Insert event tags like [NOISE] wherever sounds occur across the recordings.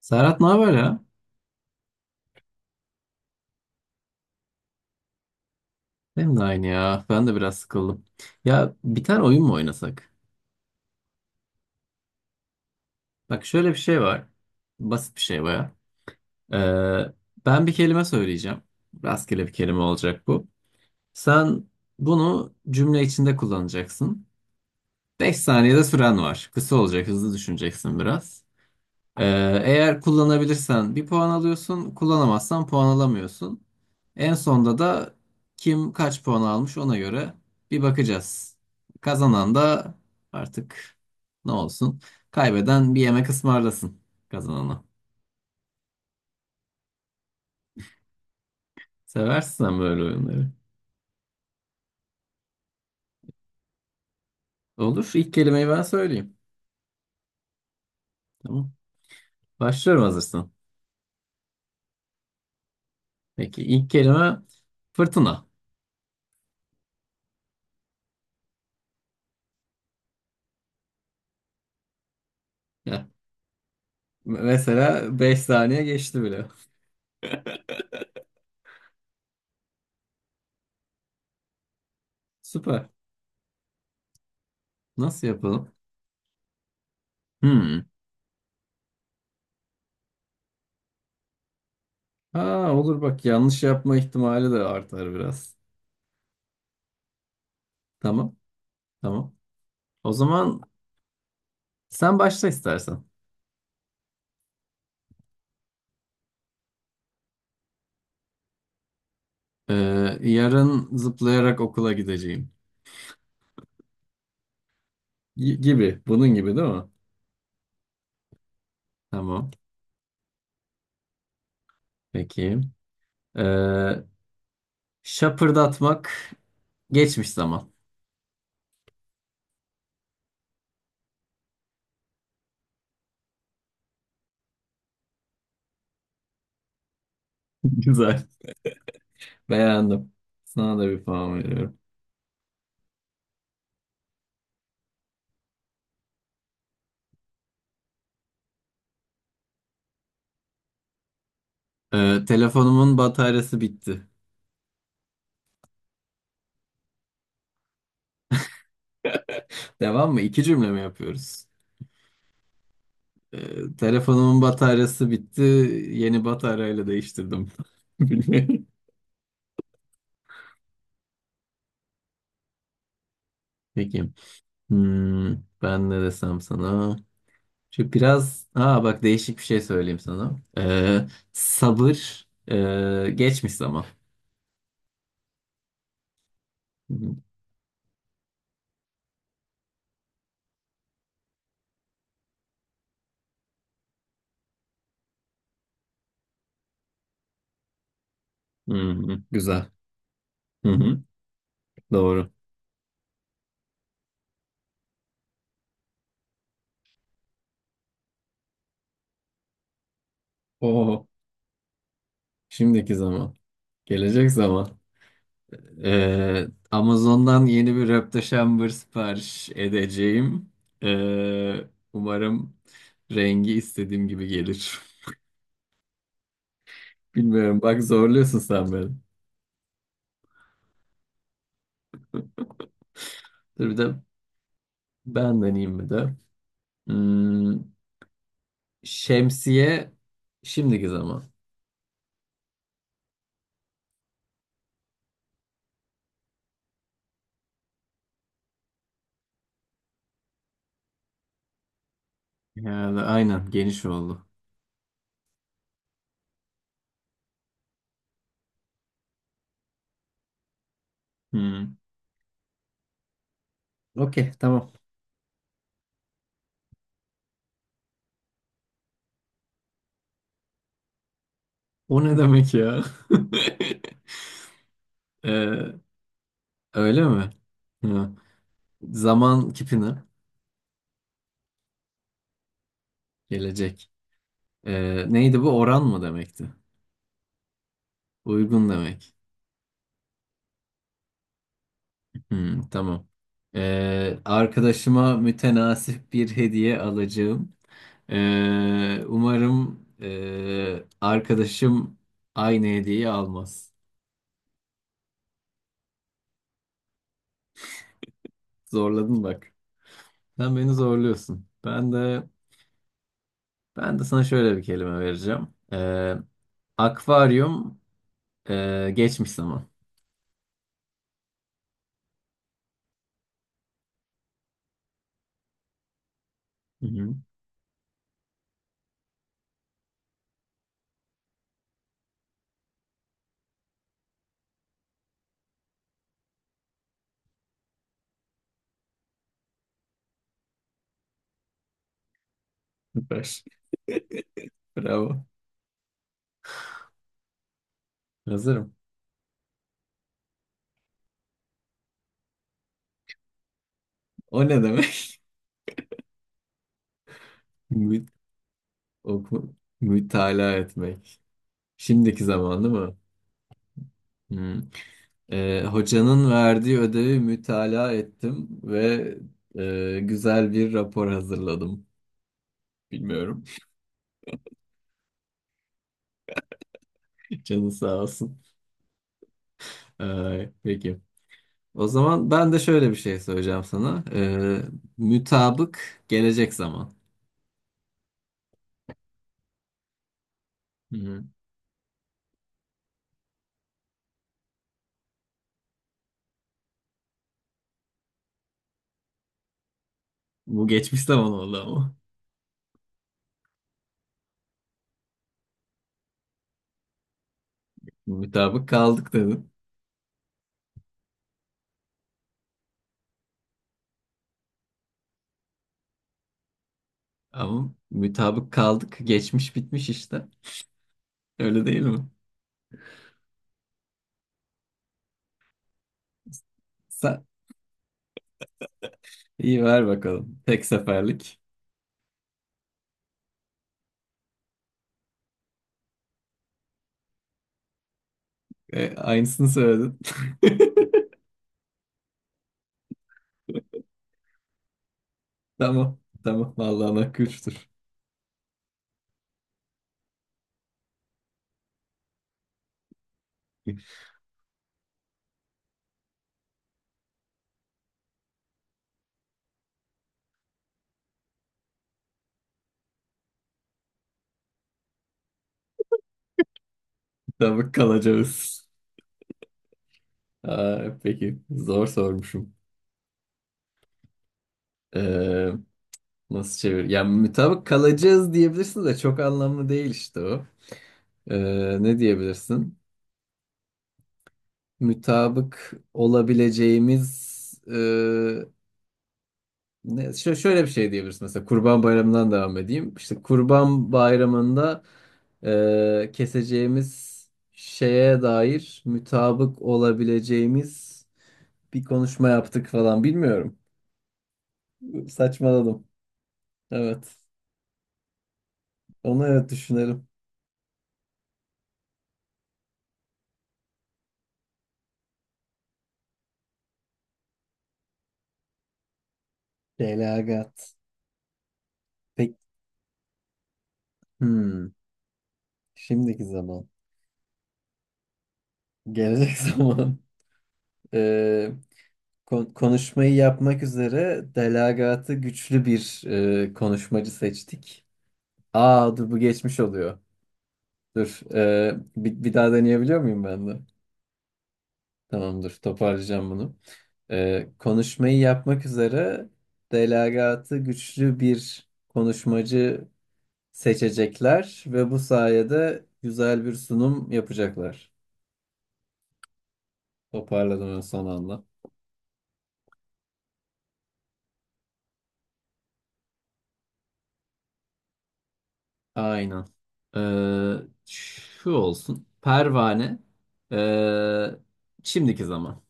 Serhat ne haber ya? Benim de aynı ya. Ben de biraz sıkıldım. Ya bir tane oyun mu oynasak? Bak şöyle bir şey var. Basit bir şey baya. Ee, Ben bir kelime söyleyeceğim. Rastgele bir kelime olacak bu. Sen bunu cümle içinde kullanacaksın. 5 saniyede süren var. Kısa olacak, hızlı düşüneceksin biraz. Ee, Eğer kullanabilirsen bir puan alıyorsun, kullanamazsan puan alamıyorsun. En sonda da kim kaç puan almış ona göre bir bakacağız. Kazanan da artık ne olsun? Kaybeden bir yemek ısmarlasın kazanana. Seversin sen böyle oyunları. Olur. İlk kelimeyi ben söyleyeyim. Tamam. Başlıyorum hazırsan. Peki ilk kelime fırtına. Ya, mesela 5 saniye geçti bile. Süper. Nasıl yapalım? Hmm. Ha olur bak yanlış yapma ihtimali de artar biraz. Tamam, tamam. O zaman sen başla istersen. Ee, Yarın zıplayarak okula gideceğim. Gibi. Bunun gibi değil mi? Tamam. Peki. Ee, Şapırdatmak geçmiş zaman. [LAUGHS] Güzel. Beğendim. Sana da bir puan veriyorum. Telefonumun bataryası bitti. Devam mı? İki cümle mi yapıyoruz? Telefonumun bataryası bitti. Yeni bataryayla değiştirdim. [LAUGHS] Peki. Hmm, Ben ne desem sana? Aa bak değişik bir şey söyleyeyim sana. Sabır geçmiş zaman. Hı hı. Hı hı, güzel. Hı hı, doğru. Oo, şimdiki zaman. Gelecek zaman. Amazon'dan yeni bir röpte sipariş edeceğim. Ee, Umarım rengi istediğim gibi gelir. [LAUGHS] Bilmiyorum. Bak zorluyorsun sen beni. Dur bir de ben deneyeyim mi de. Hmm, Şemsiye şimdiki zaman. Yani aynen geniş oldu. Hmm, okey tamam. O ne demek ya? [LAUGHS] Ee, Öyle mi? Hı. Zaman kipini. Gelecek. Neydi bu? Oran mı demekti? Uygun demek. Hmm, tamam. Arkadaşıma mütenasip bir hediye alacağım. Umarım arkadaşım aynı hediyeyi almaz. Zorladın bak. Sen beni zorluyorsun. Ben de sana şöyle bir kelime vereceğim. Ee, Akvaryum geçmiş zaman. Hı hı. Süper. [LAUGHS] Bravo. Hazırım. O ne demek? [LAUGHS] Mü oku Mütalaa etmek. Şimdiki zaman değil mi? Hı. Hocanın verdiği ödevi mütalaa ettim ve güzel bir rapor hazırladım. Bilmiyorum. Canın sağ olsun. Ay, peki. O zaman ben de şöyle bir şey söyleyeceğim sana. Mütabık gelecek zaman. Hı-hı. Bu geçmiş zaman oldu ama. Mütabık kaldık dedim. Ama mütabık kaldık geçmiş bitmiş işte. Öyle değil mi? Sen iyi ver bakalım. Tek seferlik. Aynısını söyledin. [LAUGHS] Tamam. Tamam. Vallahi nakıştır. Mütabık kalacağız. Aa, peki. Zor sormuşum. Ee, Nasıl çevir? Yani mutabık kalacağız diyebilirsin de çok anlamlı değil işte o. Ne diyebilirsin? Mutabık olabileceğimiz şöyle bir şey diyebilirsin mesela Kurban Bayramı'ndan devam edeyim. İşte Kurban Bayramı'nda keseceğimiz şeye dair mutabık olabileceğimiz bir konuşma yaptık falan bilmiyorum. Saçmaladım. Evet. Onu evet düşünelim. Delagat. Peki. Hmm. Şimdiki zaman. Gelecek [LAUGHS] zaman. Ee, Konuşmayı yapmak üzere delagatı güçlü bir konuşmacı seçtik. Aa dur bu geçmiş oluyor. Dur. Bir daha deneyebiliyor muyum ben de? Tamam dur toparlayacağım bunu. Konuşmayı yapmak üzere delagatı güçlü bir konuşmacı seçecekler ve bu sayede güzel bir sunum yapacaklar. Toparladım en son anda. Aynen. Ee, Şu olsun. Pervane. Ee, Şimdiki zaman.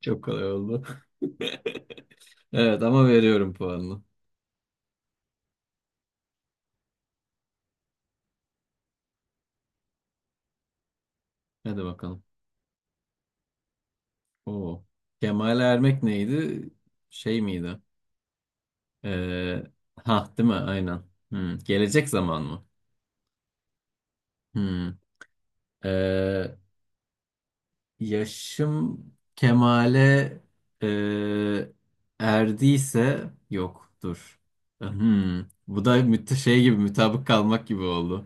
Çok kolay oldu. [LAUGHS] Evet ama veriyorum puanını. Hadi bakalım. Oo. Kemal Ermek neydi? Şey miydi? Ee, ha değil mi? Aynen. Hmm. Gelecek zaman mı? Hmm. Ee, Yaşım Kemal'e e, erdiyse yok dur. Bu da şey gibi mutabık kalmak gibi oldu.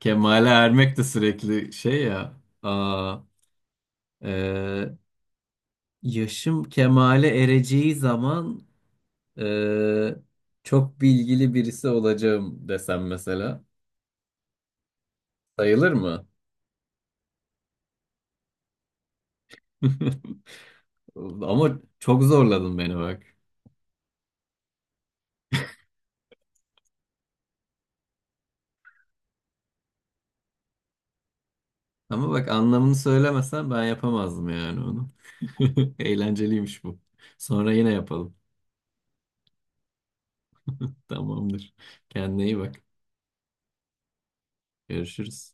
Kemal'e ermek de sürekli şey ya. Aa, e, yaşım Kemal'e ereceği zaman e, çok bilgili birisi olacağım desem mesela sayılır mı? [LAUGHS] Ama çok zorladın beni bak. Ama bak anlamını söylemesen ben yapamazdım yani onu. [LAUGHS] Eğlenceliymiş bu. Sonra yine yapalım. Tamamdır. Kendine iyi bak. Görüşürüz.